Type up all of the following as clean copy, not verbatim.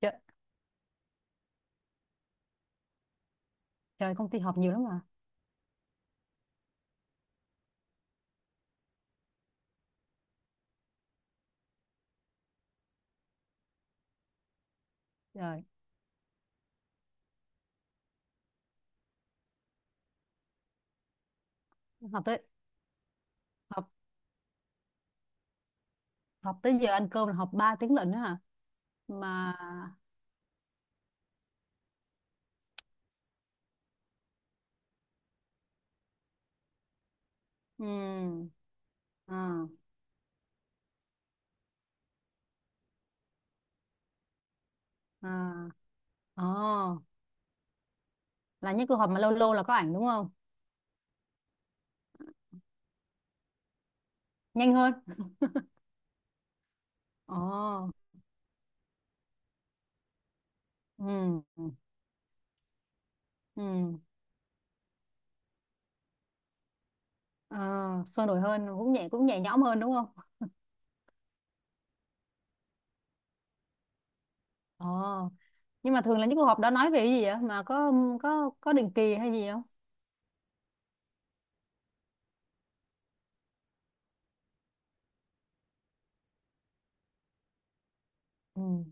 Trời, trời, công ty họp nhiều lắm mà. Trời, họp tới họp họp tới giờ ăn cơm là họp 3 tiếng lận đó hả? Mà ừ. À. À. Ờ. Là những cuộc họp mà lâu lâu là có ảnh đúng không? Nhanh hơn. Ờ. Ừ. Ừ. Ờ, sôi nổi hơn, cũng nhẹ nhõm hơn đúng không? Ờ, nhưng mà thường là những cuộc họp đó nói về cái gì vậy, mà có định kỳ hay gì không? Ừ.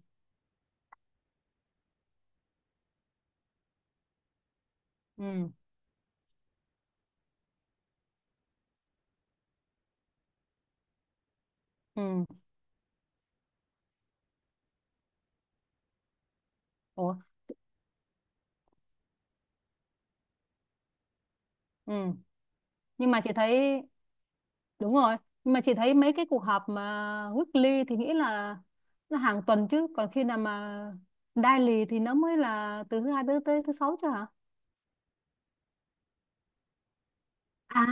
Ừ. Ừ. Ủa. Ừ. nhưng mà chị thấy Đúng rồi, nhưng mà chị thấy mấy cái cuộc họp mà weekly thì nghĩ là nó hàng tuần chứ, còn khi nào mà daily thì nó mới là từ thứ hai tới tới thứ sáu chứ hả? À,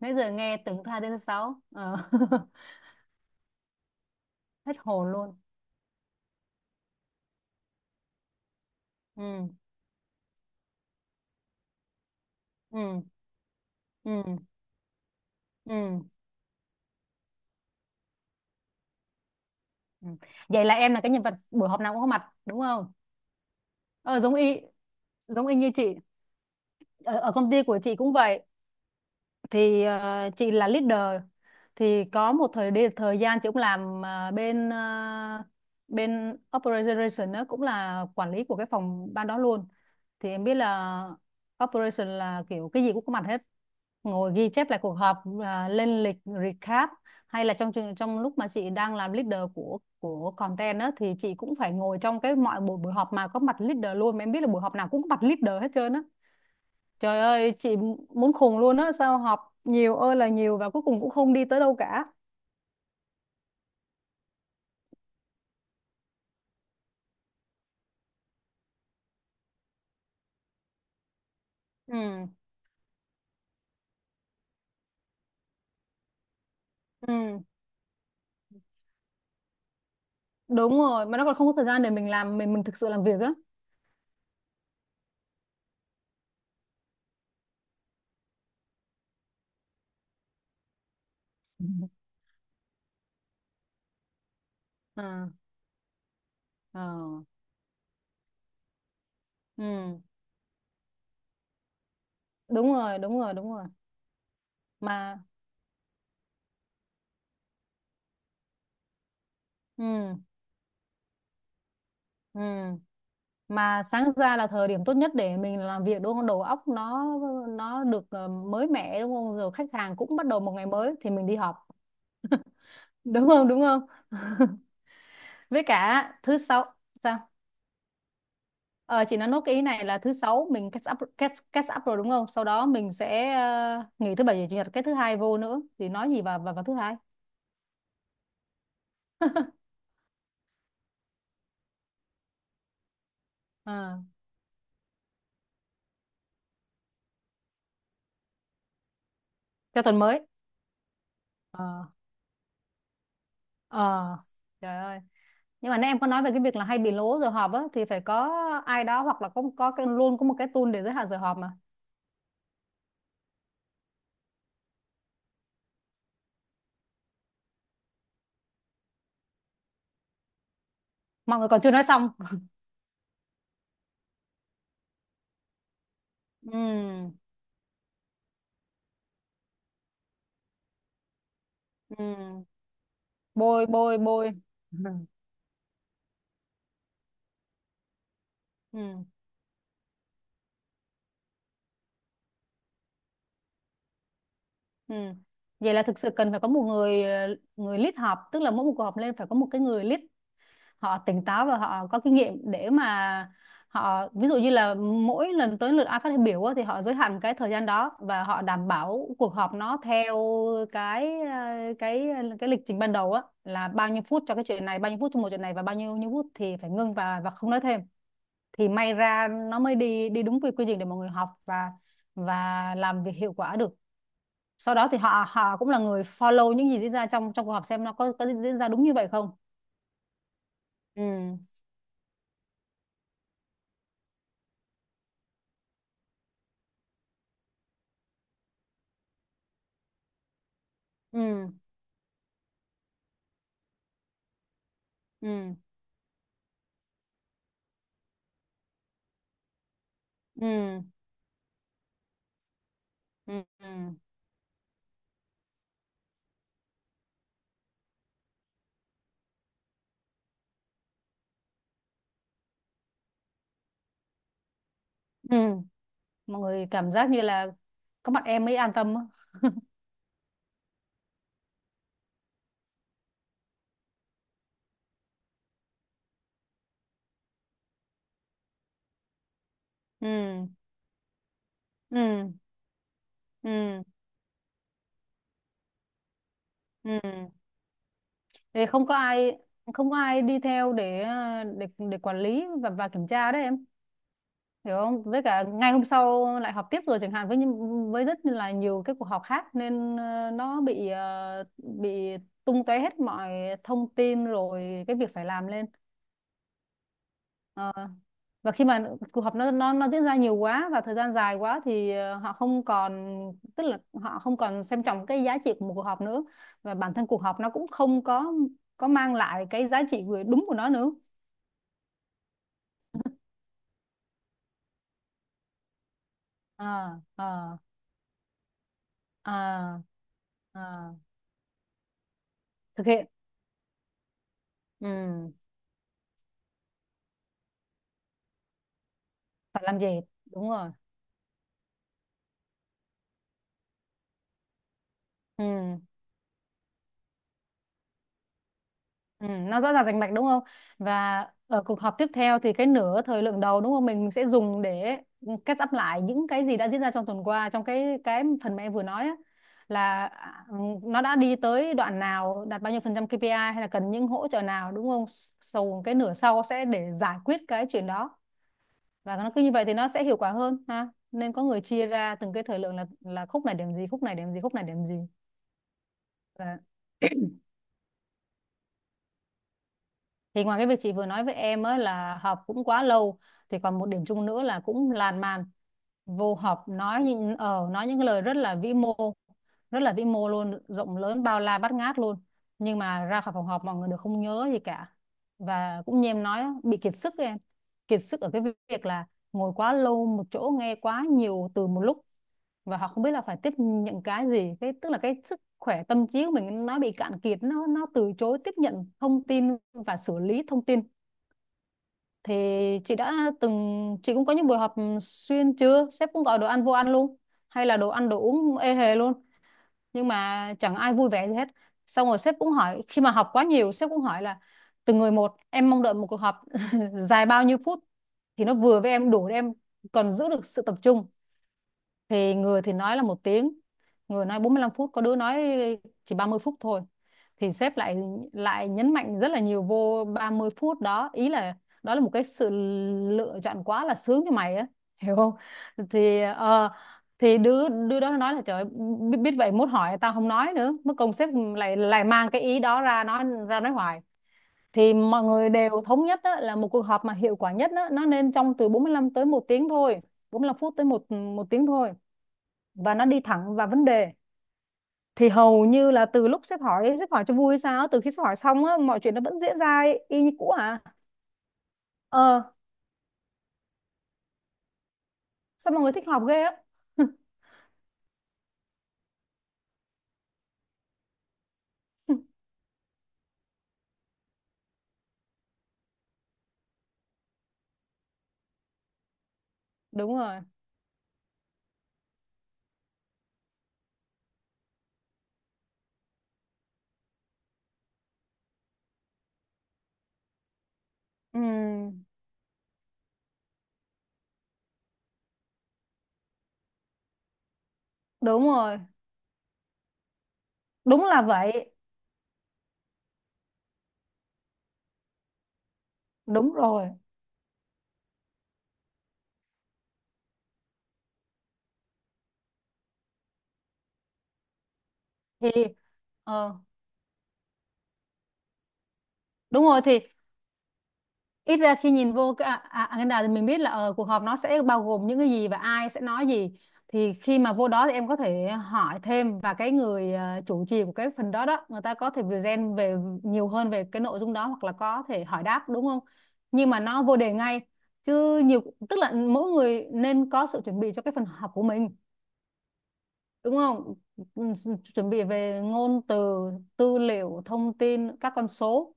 nãy giờ nghe tưởng thứ hai đến thứ sáu. Ờ. Hết hồn luôn. Ừ, ừ, ừ, ừ. Ừ. Vậy là em là cái nhân vật buổi họp nào cũng có mặt đúng không? Ờ, giống y như chị. Ở công ty của chị cũng vậy. Thì chị là leader, thì có một thời đi thời gian chị cũng làm bên operation, đó cũng là quản lý của cái phòng ban đó luôn. Thì em biết là operation là kiểu cái gì cũng có mặt hết, ngồi ghi chép lại cuộc họp à, lên lịch, recap, hay là trong lúc mà chị đang làm leader của content á, thì chị cũng phải ngồi trong cái mọi buổi buổi họp mà có mặt leader luôn, mà em biết là buổi họp nào cũng có mặt leader hết trơn á. Trời ơi, chị muốn khùng luôn á, sao học nhiều ơi là nhiều và cuối cùng cũng không đi tới đâu cả. Ừ. Ừ. Đúng rồi, mà nó còn không có thời gian để mình làm, mình thực sự làm việc á. Ừ. À, ờ, ừ, đúng rồi, đúng rồi, đúng rồi. Mà. Ừ, ừ, mà sáng ra là thời điểm tốt nhất để mình làm việc đúng không? Đầu óc nó được mới mẻ đúng không? Rồi khách hàng cũng bắt đầu một ngày mới thì mình đi họp. Đúng không? Đúng không? Với cả thứ sáu, sao. Ờ, chị nói nốt cái ý này là thứ sáu mình catch up rồi đúng không? Sau đó mình sẽ nghỉ thứ bảy và chủ nhật, cái thứ hai vô nữa thì nói gì vào vào, vào thứ hai. Ờ, cho tuần mới. Ờ, ờ, trời ơi. Nhưng mà nãy em có nói về cái việc là hay bị lố giờ họp á, thì phải có ai đó, hoặc là có cái, luôn có một cái tool để giới hạn giờ họp mà. Mọi người còn chưa nói xong. Ừ, ừ. Bôi bôi bôi. Ừ. Ừ. Ừ. Vậy là thực sự cần phải có một người người lead họp, tức là mỗi một cuộc họp lên phải có một cái người lead, họ tỉnh táo và họ có kinh nghiệm để mà họ, ví dụ như là mỗi lần tới lượt ai phát biểu á, thì họ giới hạn cái thời gian đó, và họ đảm bảo cuộc họp nó theo cái ờ, cái lịch trình ban đầu á, là bao nhiêu phút cho cái chuyện này, bao nhiêu phút cho một chuyện này, và bao nhiêu nhiêu phút thì phải ngưng và không nói thêm. Thì may ra nó mới đi đi đúng quy quy trình để mọi người học và làm việc hiệu quả được. Sau đó thì họ họ cũng là người follow những gì diễn ra trong trong cuộc họp, xem nó có diễn ra đúng như vậy không. Ừ. Ừ. Ừ. Ừ. Ừ. Ừ. Ừ. Mọi người cảm giác như là có mặt em mới an tâm á. Ừ. Ừ. Ừ. Ừ, để không có ai đi theo để à, để để quản lý và kiểm tra đấy em, hiểu không? Với cả ngày hôm sau lại họp tiếp rồi chẳng hạn, với với rất là nhiều cái cuộc họp khác, nên nó bị bị tung tóe hết mọi thông tin rồi cái việc phải làm lên. Ờ. Và khi mà cuộc họp nó diễn ra nhiều quá và thời gian dài quá thì họ không còn tức là họ không còn xem trọng cái giá trị của một cuộc họp nữa, và bản thân cuộc họp nó cũng không có mang lại cái giá trị vừa đúng của nó nữa. À, à, à, à. Thực hiện. Ừ. Phải làm gì? Đúng rồi. Ừ. Ừ, nó rõ ràng rành mạch đúng không? Và ở cuộc họp tiếp theo thì cái nửa thời lượng đầu đúng không? Mình sẽ dùng để catch up lại những cái gì đã diễn ra trong tuần qua, trong cái phần mà em vừa nói á, là à, nó đã đi tới đoạn nào, đạt bao nhiêu phần trăm KPI hay là cần những hỗ trợ nào đúng không? Sau, cái nửa sau sẽ để giải quyết cái chuyện đó, và nó cứ như vậy thì nó sẽ hiệu quả hơn ha. Nên có người chia ra từng cái thời lượng là khúc này điểm gì, khúc này điểm gì, khúc này điểm gì. Thì ngoài cái việc chị vừa nói với em á là họp cũng quá lâu, thì còn một điểm chung nữa là cũng lan man, vô họp nói những cái lời rất là vĩ mô, rất là vĩ mô luôn, rộng lớn, bao la bát ngát luôn, nhưng mà ra khỏi phòng họp mọi người đều không nhớ gì cả. Và cũng như em nói á, bị kiệt sức ấy em, kiệt sức ở cái việc là ngồi quá lâu một chỗ, nghe quá nhiều từ một lúc, và họ không biết là phải tiếp nhận cái gì. Cái, tức là cái sức khỏe tâm trí của mình nó bị cạn kiệt, nó từ chối tiếp nhận thông tin và xử lý thông tin. Thì chị đã từng chị cũng có những buổi họp xuyên trưa, sếp cũng gọi đồ ăn vô ăn luôn, hay là đồ ăn đồ uống ê hề luôn, nhưng mà chẳng ai vui vẻ gì hết. Xong rồi sếp cũng hỏi, khi mà họp quá nhiều sếp cũng hỏi là, từng người một, em mong đợi một cuộc họp dài bao nhiêu phút thì nó vừa với em, đủ để em còn giữ được sự tập trung. Thì người thì nói là 1 tiếng, người nói 45 phút, có đứa nói chỉ 30 phút thôi. Thì sếp lại lại nhấn mạnh rất là nhiều vô 30 phút đó, ý là đó là một cái sự lựa chọn quá là sướng cho mày á, hiểu không? Thì ờ, thì đứa đứa đó nói là, trời ơi, biết vậy mốt hỏi tao không nói nữa, mất công sếp lại lại mang cái ý đó ra nói hoài. Thì mọi người đều thống nhất á, là một cuộc họp mà hiệu quả nhất á, nó nên trong từ 45 tới 1 tiếng thôi, 45 phút tới một một tiếng thôi, và nó đi thẳng vào vấn đề. Thì hầu như là từ lúc sếp hỏi, sếp hỏi cho vui sao, từ khi sếp hỏi xong á, mọi chuyện nó vẫn diễn ra y y như cũ à. Ờ, sao mọi người thích họp ghê á. Đúng rồi. Ừ, đúng rồi. Đúng là vậy. Đúng rồi. Thì ờ Đúng rồi. Thì ít ra khi nhìn vô cái agenda thì mình biết là cuộc họp nó sẽ bao gồm những cái gì và ai sẽ nói gì. Thì khi mà vô đó thì em có thể hỏi thêm, và cái người chủ trì của cái phần đó đó, người ta có thể present về nhiều hơn về cái nội dung đó, hoặc là có thể hỏi đáp đúng không? Nhưng mà nó vô đề ngay, chứ nhiều tức là mỗi người nên có sự chuẩn bị cho cái phần họp của mình đúng không? Ừ, chuẩn bị về ngôn từ, tư liệu, thông tin, các con số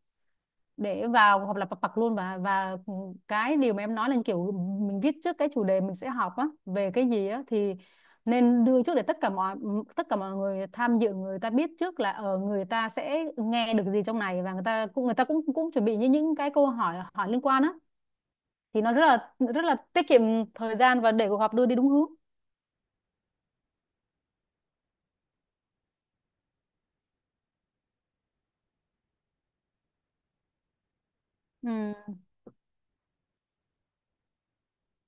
để vào, hoặc là pặc luôn. Và cái điều mà em nói là kiểu mình viết trước cái chủ đề mình sẽ học á về cái gì á, thì nên đưa trước, để tất cả mọi người tham dự, người ta biết trước là người ta sẽ nghe được gì trong này, và người ta cũng cũng chuẩn bị như những cái câu hỏi hỏi liên quan á. Thì nó rất là tiết kiệm thời gian và để cuộc họp đưa đi đúng hướng. Ừ.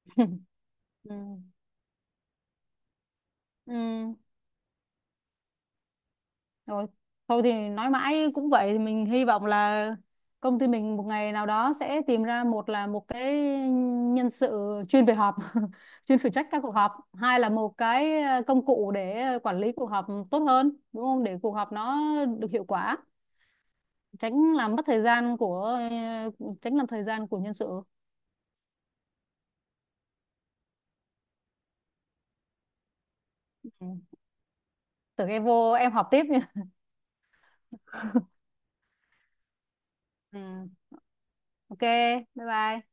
Ừ. Ừ. Rồi, thôi thì nói mãi cũng vậy, thì mình hy vọng là công ty mình một ngày nào đó sẽ tìm ra, một là một cái nhân sự chuyên về họp, chuyên phụ trách các cuộc họp, hai là một cái công cụ để quản lý cuộc họp tốt hơn, đúng không? Để cuộc họp nó được hiệu quả, tránh làm mất thời gian tránh làm thời gian của nhân sự. Ừ. Tưởng em vô em họp tiếp nha. Ừ. Ok, bye bye.